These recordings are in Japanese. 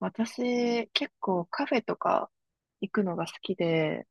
私、結構カフェとか行くのが好きで、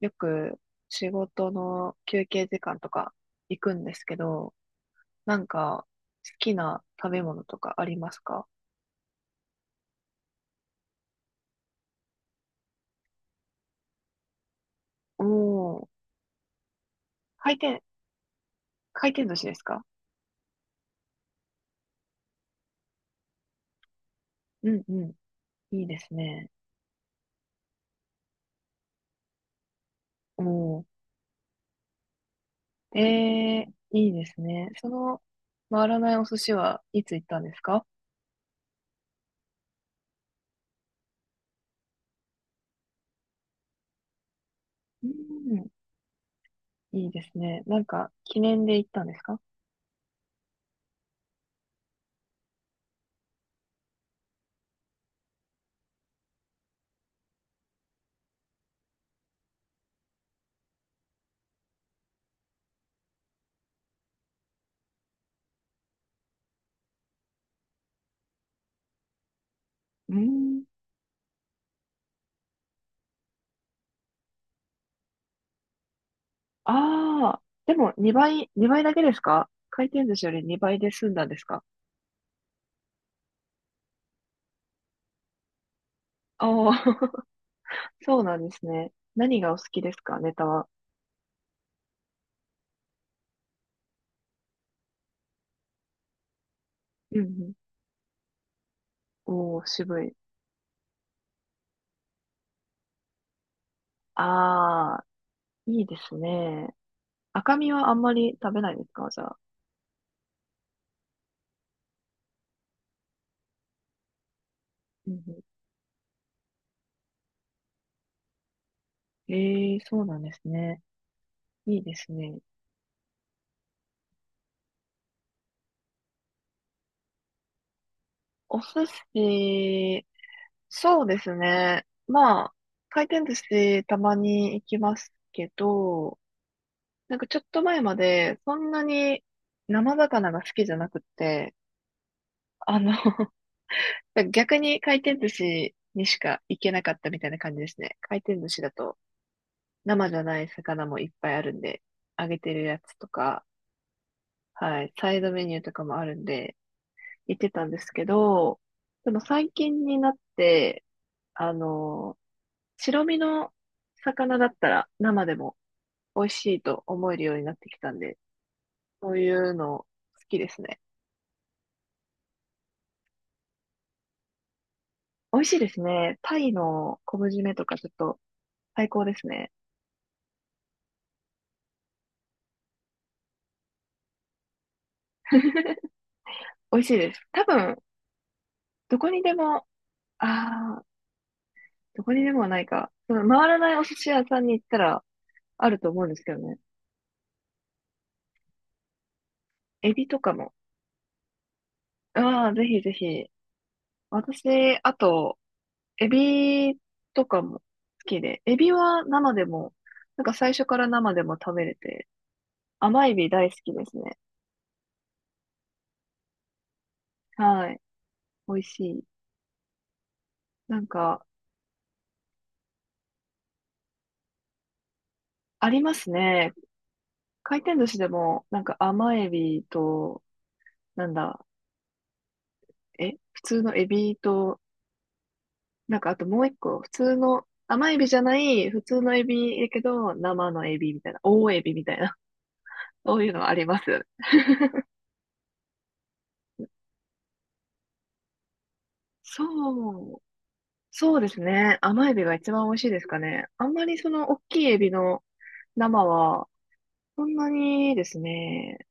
よく仕事の休憩時間とか行くんですけど、なんか好きな食べ物とかありますか？おー、回転、回転寿司ですか？うんうん。いいですね。おー、えー、いいですね。その回らないお寿司はいつ行ったんですか？うん、いいですね。なんか記念で行ったんですか？うん。ああ、でも2倍、2倍だけですか？回転寿司より2倍で済んだんですか？ああー、そうなんですね。何がお好きですか、ネタは。うんうん。おー、渋い。ああ、いいですね。赤身はあんまり食べないですか、じゃあ。うんうん、ええ、そうなんですね。いいですね。お寿司、そうですね。まあ、回転寿司たまに行きますけど、なんかちょっと前まで、そんなに生魚が好きじゃなくって、あの 逆に回転寿司にしか行けなかったみたいな感じですね。回転寿司だと生じゃない魚もいっぱいあるんで、揚げてるやつとか、はい、サイドメニューとかもあるんで、行ってたんですけど、でも最近になって、あの、白身の魚だったら生でも美味しいと思えるようになってきたんで、そういうの好きですね。美味しいですね。タイの昆布締めとかちょっと最高ですね。美味しいです。多分、どこにでも、ああ、どこにでもはないか。その回らないお寿司屋さんに行ったらあると思うんですけどね。エビとかも。ああ、ぜひぜひ。私、あと、エビとかも好きで。エビは生でも、最初から生でも食べれて、甘エビ大好きですね。はい。美味しい。なんか、ありますね。回転寿司でも、なんか甘エビと、なんだ、え、普通のエビと、なんかあともう一個、普通の、甘エビじゃない、普通のエビやけど、生のエビみたいな、大エビみたいな、そういうのあります。そう、そうですね。甘エビが一番美味しいですかね。あんまりその大きいエビの生は、そんなにですね、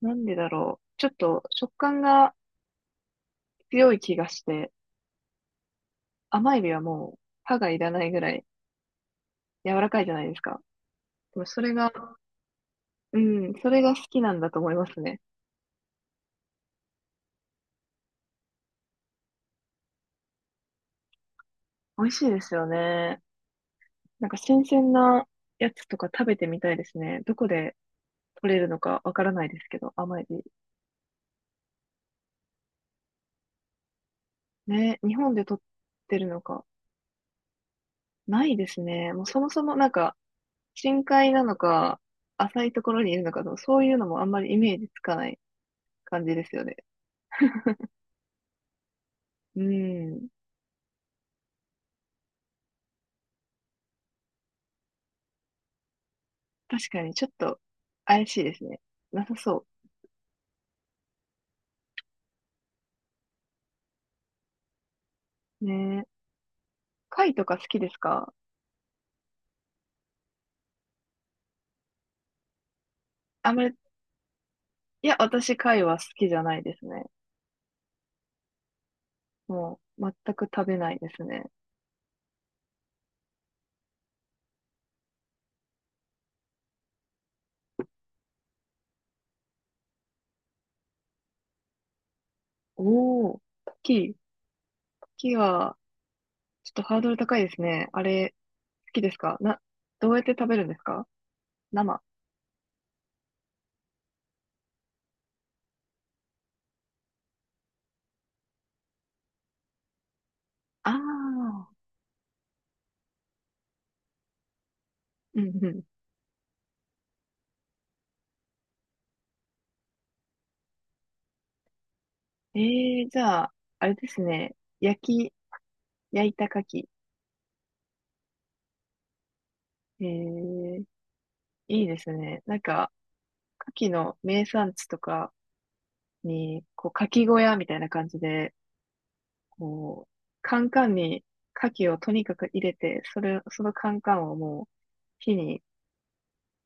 なんでだろう。ちょっと食感が強い気がして、甘エビはもう歯がいらないぐらい柔らかいじゃないですか。でもそれが、うん、それが好きなんだと思いますね。美味しいですよね。なんか新鮮なやつとか食べてみたいですね。どこで取れるのかわからないですけど、甘エビ。ね、日本で取ってるのか。ないですね。もうそもそもなんか、深海なのか、浅いところにいるのかの、そういうのもあんまりイメージつかない感じですよね。うん。確かにちょっと怪しいですね。なさそう。ね。貝とか好きですか？あんまり、いや、私、貝は好きじゃないですね。もう、全く食べないですね。おー、牡蠣、牡蠣は、ちょっとハードル高いですね。あれ、好きですかな、どうやって食べるんですか、生。ああ、うんうん。ええー、じゃあ、あれですね。焼き、焼いた牡蠣。ええ、いいですね。なんか、牡蠣の名産地とかに、こう、牡蠣小屋みたいな感じで、こう、カンカンに牡蠣をとにかく入れて、それ、そのカンカンをもう火に、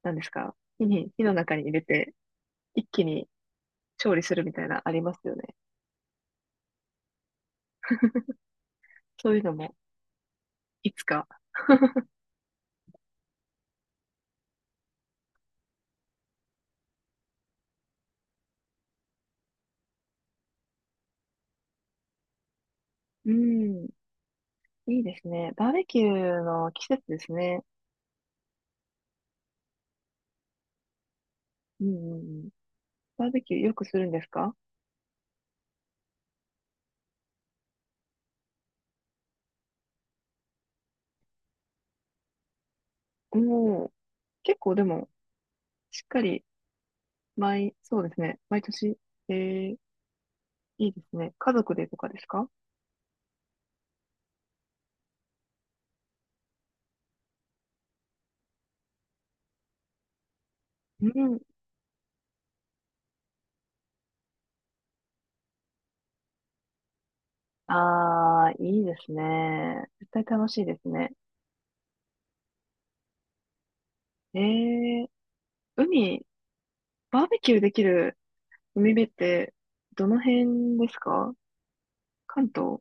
何ですか、火に、火の中に入れて、一気に調理するみたいなありますよね。そういうのも、いつか。うん、いいですね。バーベキューの季節ですね。うんうんうん。バーベキューよくするんですか？もう、結構でも、しっかり、毎、そうですね。毎年、えー、いいですね。家族でとかですか？うん。ああ、いいですね。絶対楽しいですね。ええ、海、バーベキューできる海辺って、どの辺ですか？関東？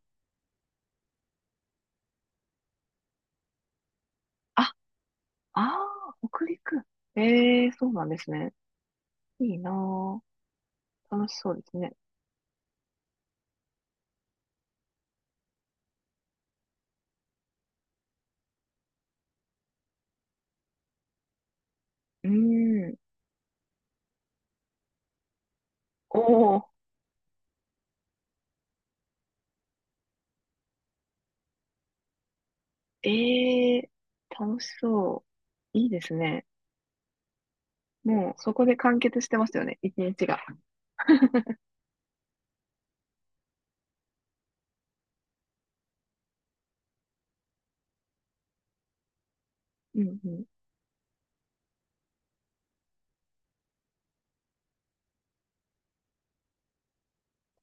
あ、ああ、北陸。ええ、そうなんですね。いいなー、楽しそうですね。うーん。おお、ええ、楽しそう。いいですね。もう、そこで完結してますよね、一日が。うんうん。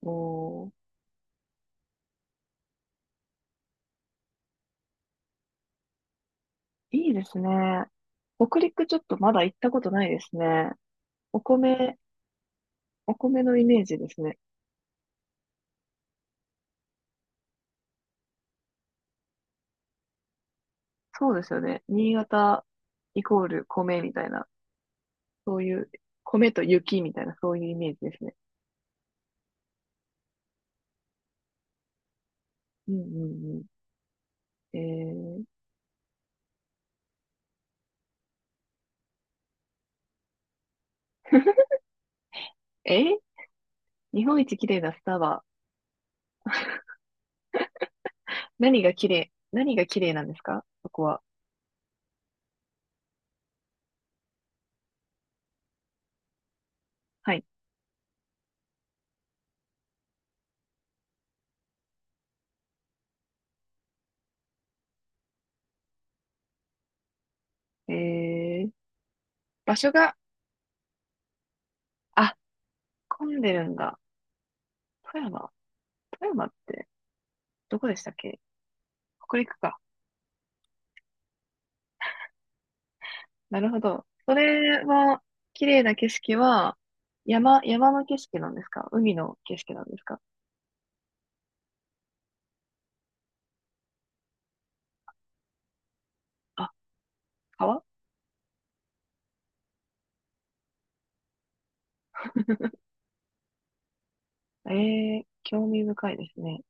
おお。いいですね。北陸ちょっとまだ行ったことないですね。お米、お米のイメージですね。そうですよね。新潟イコール米みたいな、そういう、米と雪みたいな、そういうイメージですね。うんうんうん。えー、え、日本一綺麗なスタバ。何が綺麗、何が綺麗なんですか、そこは。はい。えー、場所が、あ、混んでるんだ。富山。富山って、どこでしたっけ？北陸か。なるほど。それは、綺麗な景色は、山、山の景色なんですか？海の景色なんですか？あ、川？ええー、興味深いですね。